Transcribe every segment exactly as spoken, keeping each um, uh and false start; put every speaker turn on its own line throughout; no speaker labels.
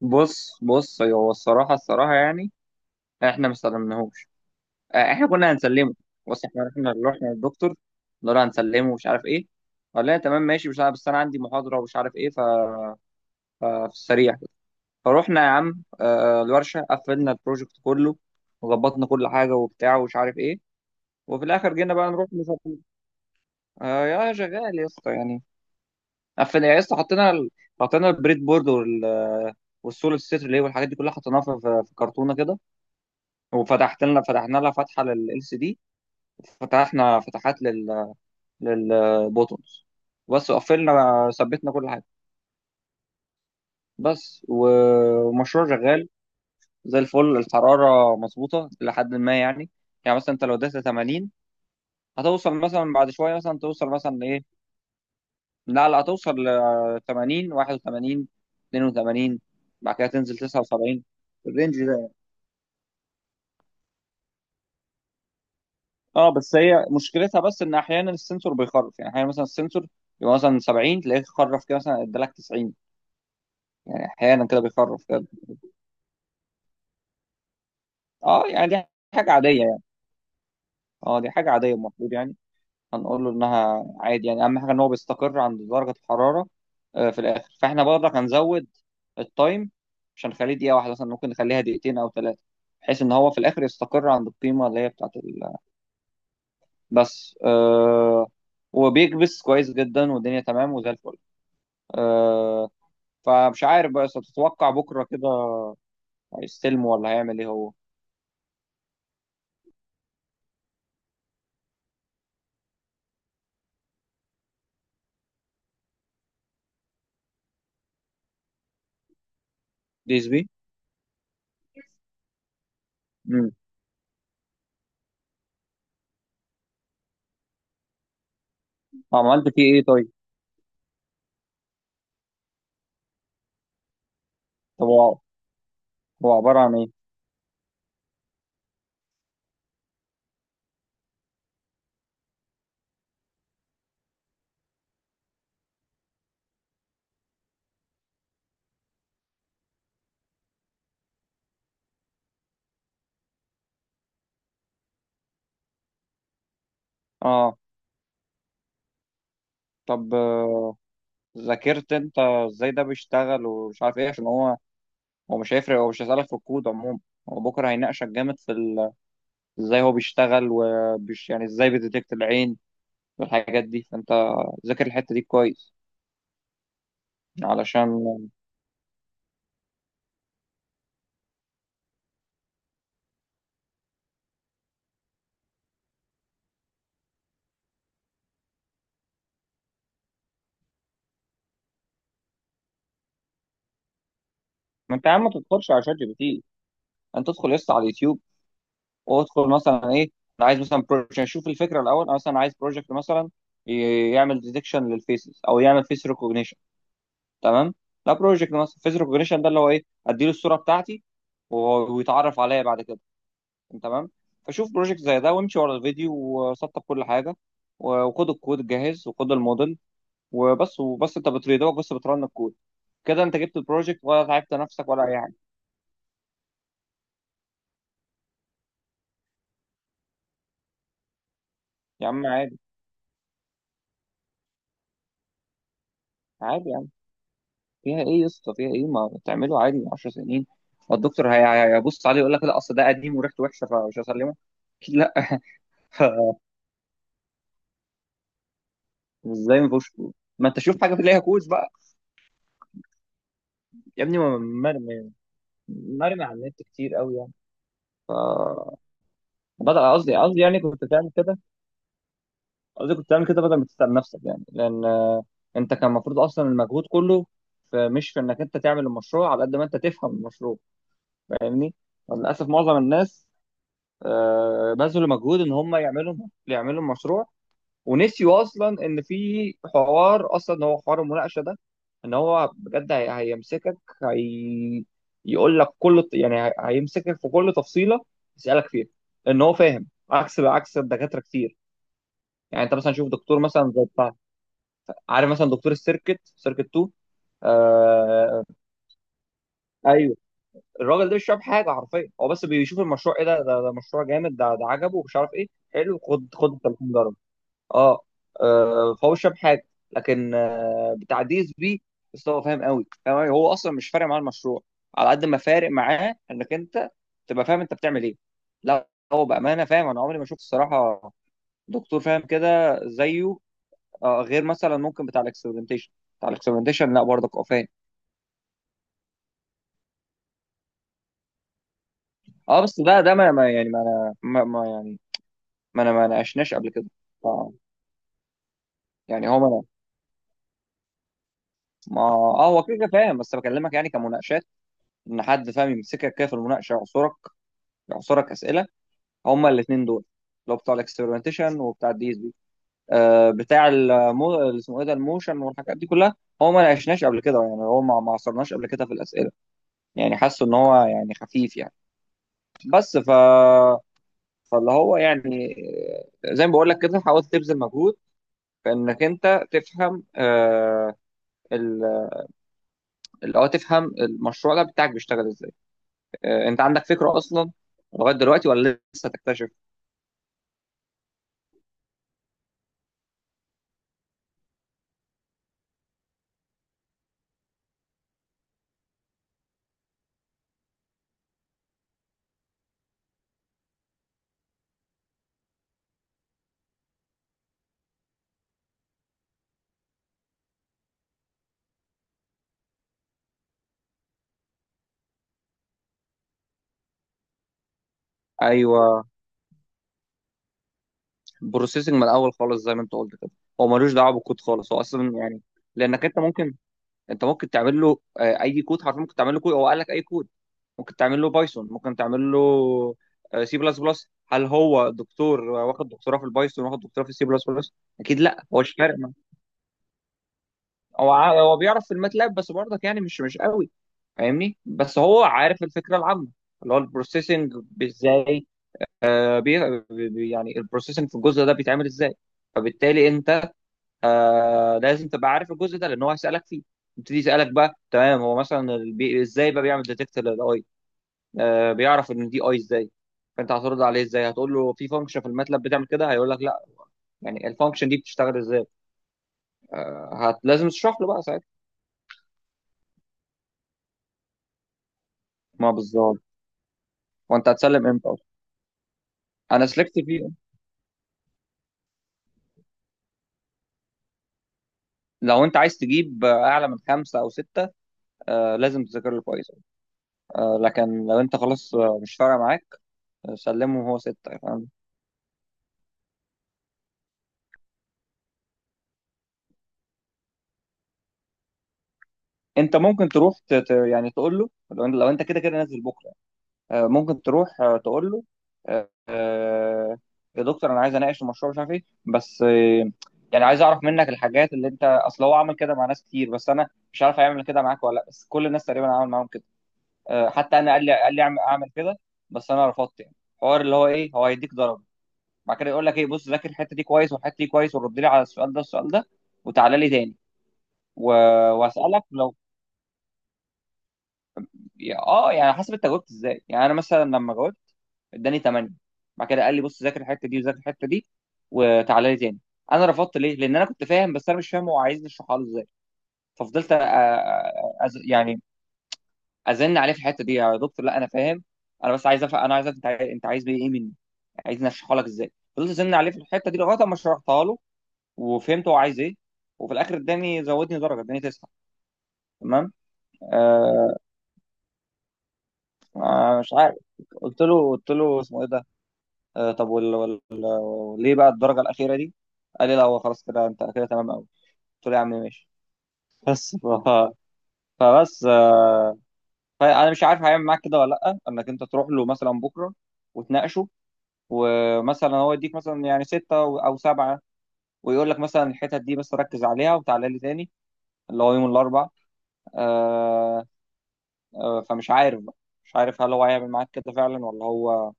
بص بص، هو الصراحة الصراحة يعني احنا ما استخدمناهوش. آه، احنا كنا هنسلمه. بص، احنا احنا اللي رحنا للدكتور، قلنا له هنسلمه ومش عارف ايه. قال لنا تمام ماشي مش عارف، بس انا عندي محاضرة ومش عارف ايه ف- ففي السريع كده. فروحنا يا عم، آه، الورشة قفلنا البروجكت كله، وظبطنا كل حاجة وبتاع ومش عارف ايه. وفي الاخر جينا بقى نروح نسلمه. آه، يا شغال يا اسطى يعني. قفلنا يا اسطى، حطينا ال- حطينا البريد بورد وال، والسول الستر ليه والحاجات دي كلها حطيناها في في- في كرتونة كده. وفتحت لنا، فتحنا لها فتحه لل سي دي. وفتحنا فتحات لل، للبوتونز. بس قفلنا، ثبتنا كل حاجه. بس و- ومشروع شغال زي الفل. الحراره مظبوطه لحد ما يعني. يعني مثلا انت لو اديتها ثمانين، هتوصل مثلا بعد شويه، مثلا توصل مثلا ايه. لا لا، هتوصل ل ثمانين، واحد وثمانين، اتنين وثمانين. بعد كده تنزل تسعه وسبعين. الرينج ده. اه، بس هي مشكلتها بس ان احيانا السنسور بيخرف يعني. احيانا مثلا السنسور يبقى مثلا سبعين، تلاقيه خرف كده مثلا ادالك تسعين. يعني احيانا كده بيخرف كده. اه يعني دي حاجه عاديه يعني. اه دي حاجه عاديه المفروض يعني. هنقول له انها عادي يعني، اهم حاجه ان هو بيستقر عند درجه الحراره. آه، في الاخر فاحنا برضك هنزود التايم. مش هنخليه دقيقه واحده مثلا، ممكن نخليها دقيقتين او ثلاثه، بحيث ان هو في الاخر يستقر عند القيمه اللي هي بتاعت ال... بس آه، وبيكبس كويس جدا والدنيا تمام وزي الفل. آه، فمش عارف بقى، بس تتوقع بكره كده هيستلمه ولا هيعمل ايه هو؟ ديزبي. امم. عملت فيه ايه طيب؟ طب هو هو عباره عن ايه؟ اه. طب آه، ذاكرت انت ازاي ده بيشتغل ومش عارف ايه، عشان هو، هو مش هيفرق، هو مش هيسالك في الكود عموما. هو بكره هيناقشك جامد في ال، ازاي هو بيشتغل وبيش يعني ازاي بيديتكت العين والحاجات دي. فانت ذاكر الحته دي كويس علشان. ما انت يا عم ما تدخلش على شات جي بي تي. انت تدخل لسه على اليوتيوب، وادخل مثلا ايه، انا عايز مثلا بروجكت، اشوف الفكره الاول، انا مثلا عايز بروجكت مثلا ي- يعمل ديتكشن للفيسز، او يعمل فيس ريكوجنيشن. تمام. لا، بروجكت مثلا فيس ريكوجنيشن، ده اللي هو ايه، اديله الصوره بتاعتي وهو- ويتعرف عليا بعد كده. تمام. فشوف بروجكت زي ده وامشي ورا الفيديو، وسطب كل حاجه و- وخد الكود الجاهز وخد الموديل، وبس. وبس انت بتريدوك، بس بترن الكود. كده انت جبت البروجكت ولا تعبت نفسك ولا اي حاجه. يا عم عادي. عادي، فيها ايه يا اسطى؟ فيها ايه؟ ما تعمله عادي، 10 سنين. الدكتور هي- هيبص عليه يقول لك لا، اصل ده قديم وريحته وحشه فمش هسلمه أكيد لا. ازاي ما فيهوش كود؟ ما انت شوف حاجه في ليها كود بقى. يا ابني ما- مرمي، مرمي على النت كتير قوي يعني. بدأ قصدي قصدي يعني كنت تعمل كده. قصدي كنت تعمل كده بدل ما تتعب نفسك، يعني لان آه، انت كان المفروض اصلا المجهود كله في، مش في انك انت تعمل المشروع، على قد ما انت تفهم المشروع. فاهمني؟ للاسف معظم الناس آه، بذلوا مجهود ان هم يعملوا، يعملوا المشروع، ونسيوا اصلا ان في حوار، اصلا هو حوار المناقشه ده. ان هو بجد هي- هيمسكك، هي، يقول لك كل يعني هي- هيمسكك في كل تفصيله، يسالك فيها. ان هو فاهم، عكس عكس الدكاتره كتير. يعني انت مثلا شوف دكتور مثلا زي بتاع، عارف مثلا دكتور السيركت، سيركت اتنين. آه. ايوه، الراجل ده مش شايف حاجه حرفيا، هو بس بيشوف المشروع ايه ده، ده، ده مشروع جامد، ده ده عجبه ومش عارف ايه. حلو، خد خد ال ثلاثين درجه. اه. آه، فهو مش فاهم حاجه. لكن آه، بتاع دي اس بي، بس هو فاهم قوي، فاهم أوي. هو اصلا مش فارق معاه المشروع، على قد ما فارق معاه انك انت تبقى فاهم انت بتعمل ايه. لا، هو بامانه فاهم. انا عمري ما شفت الصراحه دكتور فاهم كده زيه. آه، غير مثلا ممكن بتاع الاكسبerimentation. بتاع الاكسبerimentation لا برضك اه فاهم. اه، بس ده ده ما ما- يعني ما انا ما ما- يعني ما انا ما ناقشناش قبل كده. آه، يعني هو ما، ما اه هو كده كده فاهم، بس بكلمك يعني كمناقشات، ان حد فاهم يمسكك كده في المناقشه، يعصرك. يعصرك اسئله. هما الاثنين دول، اللي هو بتاع الاكسبيرمنتيشن وبتاع الدي اس بي. آه بتاع المو، اللي اسمه ايه ده، الموشن والحاجات دي كلها. هو ما ناقشناش قبل كده يعني، هو ما ما عصرناش قبل كده في الاسئله. يعني حاسه ان هو يعني خفيف يعني. بس ف، فاللي هو يعني آه، زي ما بقول لك كده، حاول تبذل مجهود في انك انت تفهم آه، ال، اللي هو تفهم المشروع ده بتاعك بيشتغل ازاي. آه، انت عندك فكره اصلا لغايه دلوقتي ولا لسه تكتشف؟ ايوه، بروسيسنج من الاول خالص زي ما انت قلت كده، هو ملوش دعوه بالكود خالص، هو اصلا يعني، لانك انت ممكن، انت ممكن تعمل له آه، اي كود حرفيا، ممكن تعمل له كود، هو قال لك اي كود. ممكن تعمل له بايثون، ممكن تعمل له سي بلس بلس. هل هو دكتور آه، واخد دكتوراه في البايثون، واخد دكتوراه في السي بلس بلس؟ اكيد لا، هو مش فارق معاه. هو ع- هو بيعرف في الماتلاب بس برضك يعني، مش مش قوي. فاهمني؟ بس هو عارف الفكره العامه، اللي هو البروسيسنج ازاي. آه، بي- بي- يعني البروسيسنج في الجزء ده بيتعمل ازاي. فبالتالي انت آه لازم تبقى عارف الجزء ده، لان هو هيسالك فيه. يبتدي يسالك بقى، تمام، هو مثلا البي، ازاي بقى بيعمل ديتكت للاي. آه، بيعرف ان دي اي ازاي. فانت هترد عليه ازاي؟ هتقول له في فانكشن في الماتلاب بتعمل كده، هيقول لك لا، يعني الفانكشن دي بتشتغل ازاي. آه هت، لازم تشرح له بقى ساعتها. ما بالظبط. وانت هتسلم امتى اصلا؟ انا سلكت فيه. لو انت عايز تجيب آه، اعلى من خمسه او سته، آه لازم تذاكر له كويس. آه لكن لو انت خلاص آه، مش فارقه معاك، آه، سلمه هو سته يعني. انت ممكن تروح ت... ت- يعني تقول له، لو انت لو انت كده كده نازل بكره، آه، ممكن تروح آه، تقول له آه، آه، يا دكتور انا عايز اناقش المشروع مش عارف ايه بس آه، يعني عايز اعرف منك الحاجات اللي انت، اصل هو عمل كده مع ناس كتير، بس انا مش عارف هيعمل كده معاك ولا لا، بس كل الناس تقريبا عمل معاهم كده. آه، حتى انا قال لي، قال لي اعمل أعمل كده، بس انا رفضت يعني. حوار اللي هو ايه، هو هيديك ضرب. بعد كده يقول لك ايه، بص ذاكر الحته دي كويس والحته دي كويس، ورد لي على السؤال ده السؤال ده، وتعالى لي تاني. و- واسالك لو يا- اه يعني حسب انت جاوبت ازاي. يعني انا مثلا لما جاوبت اداني تمانية. بعد كده قال لي بص، ذاكر الحته دي وذاكر الحته دي وتعالى لي تاني. انا رفضت ليه، لان انا كنت فاهم بس انا مش فاهم هو عايزني اشرحها له ازاي. ففضلت أ- أ- أز... يعني ازن عليه في الحته دي، يا دكتور لا انا فاهم، انا بس عايز أفهم. انا عايز أفهم انت عاي- انت عايز بيه ايه مني، عايزني اشرحها لك ازاي. فضلت ازن عليه في الحته دي لغايه ما شرحتها له وفهمت هو عايز ايه. وفي الاخر اداني، زودني درجه، اداني تسعه. تمام. آه. آه، مش عارف. قلت له، قلت له اسمه ايه ده، آه طب وال، وال، وال- ليه بقى الدرجه الاخيره دي؟ قال لي لا هو خلاص كده انت كده تمام قوي. قلت له يا عم ماشي. بس ف، فبس آه، فانا مش عارف هيعمل معاك كده ولا لا، انك انت تروح له مثلا بكره وتناقشه، ومثلا هو يديك مثلا يعني سته او أو سبعه، ويقول لك مثلا الحتت دي بس ركز عليها وتعالى لي تاني، اللي هو يوم الاربعاء. آه، آه، فمش عارف بقى. مش عارف هل هو هيعمل معاك كده فعلا ولا هو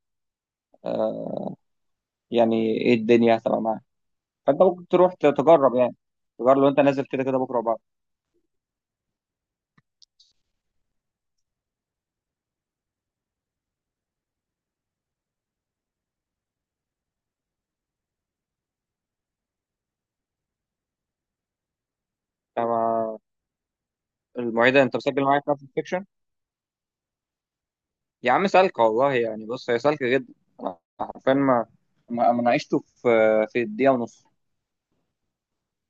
آه، يعني ايه الدنيا هتبقى معاه. فانت ممكن تروح تجرب يعني. تجرب لو انت نازل كده كده بكره وبعد. اما المعيده، انت مسجل معايا في نفس السكشن. يا عم سالكه والله يعني. بص هي سالكه جدا. انا حرفيا ما ما ما ناقشته في في دقيقه ونص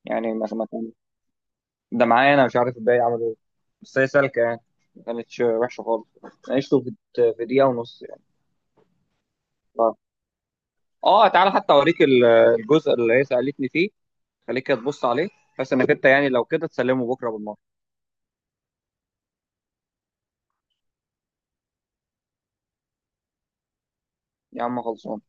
يعني. ما ما كان، ده معايا انا، مش عارف الباقي عملوا ايه. بس هي سالكه يعني، ما كانتش وحشه خالص. ناقشته في في دقيقه ونص يعني. ف- اه تعالى حتى اوريك ال- الجزء اللي هي سالتني فيه. خليك تبص عليه. بس انك انت يعني لو كده تسلمه بكره بالمره. يا عم خلصان.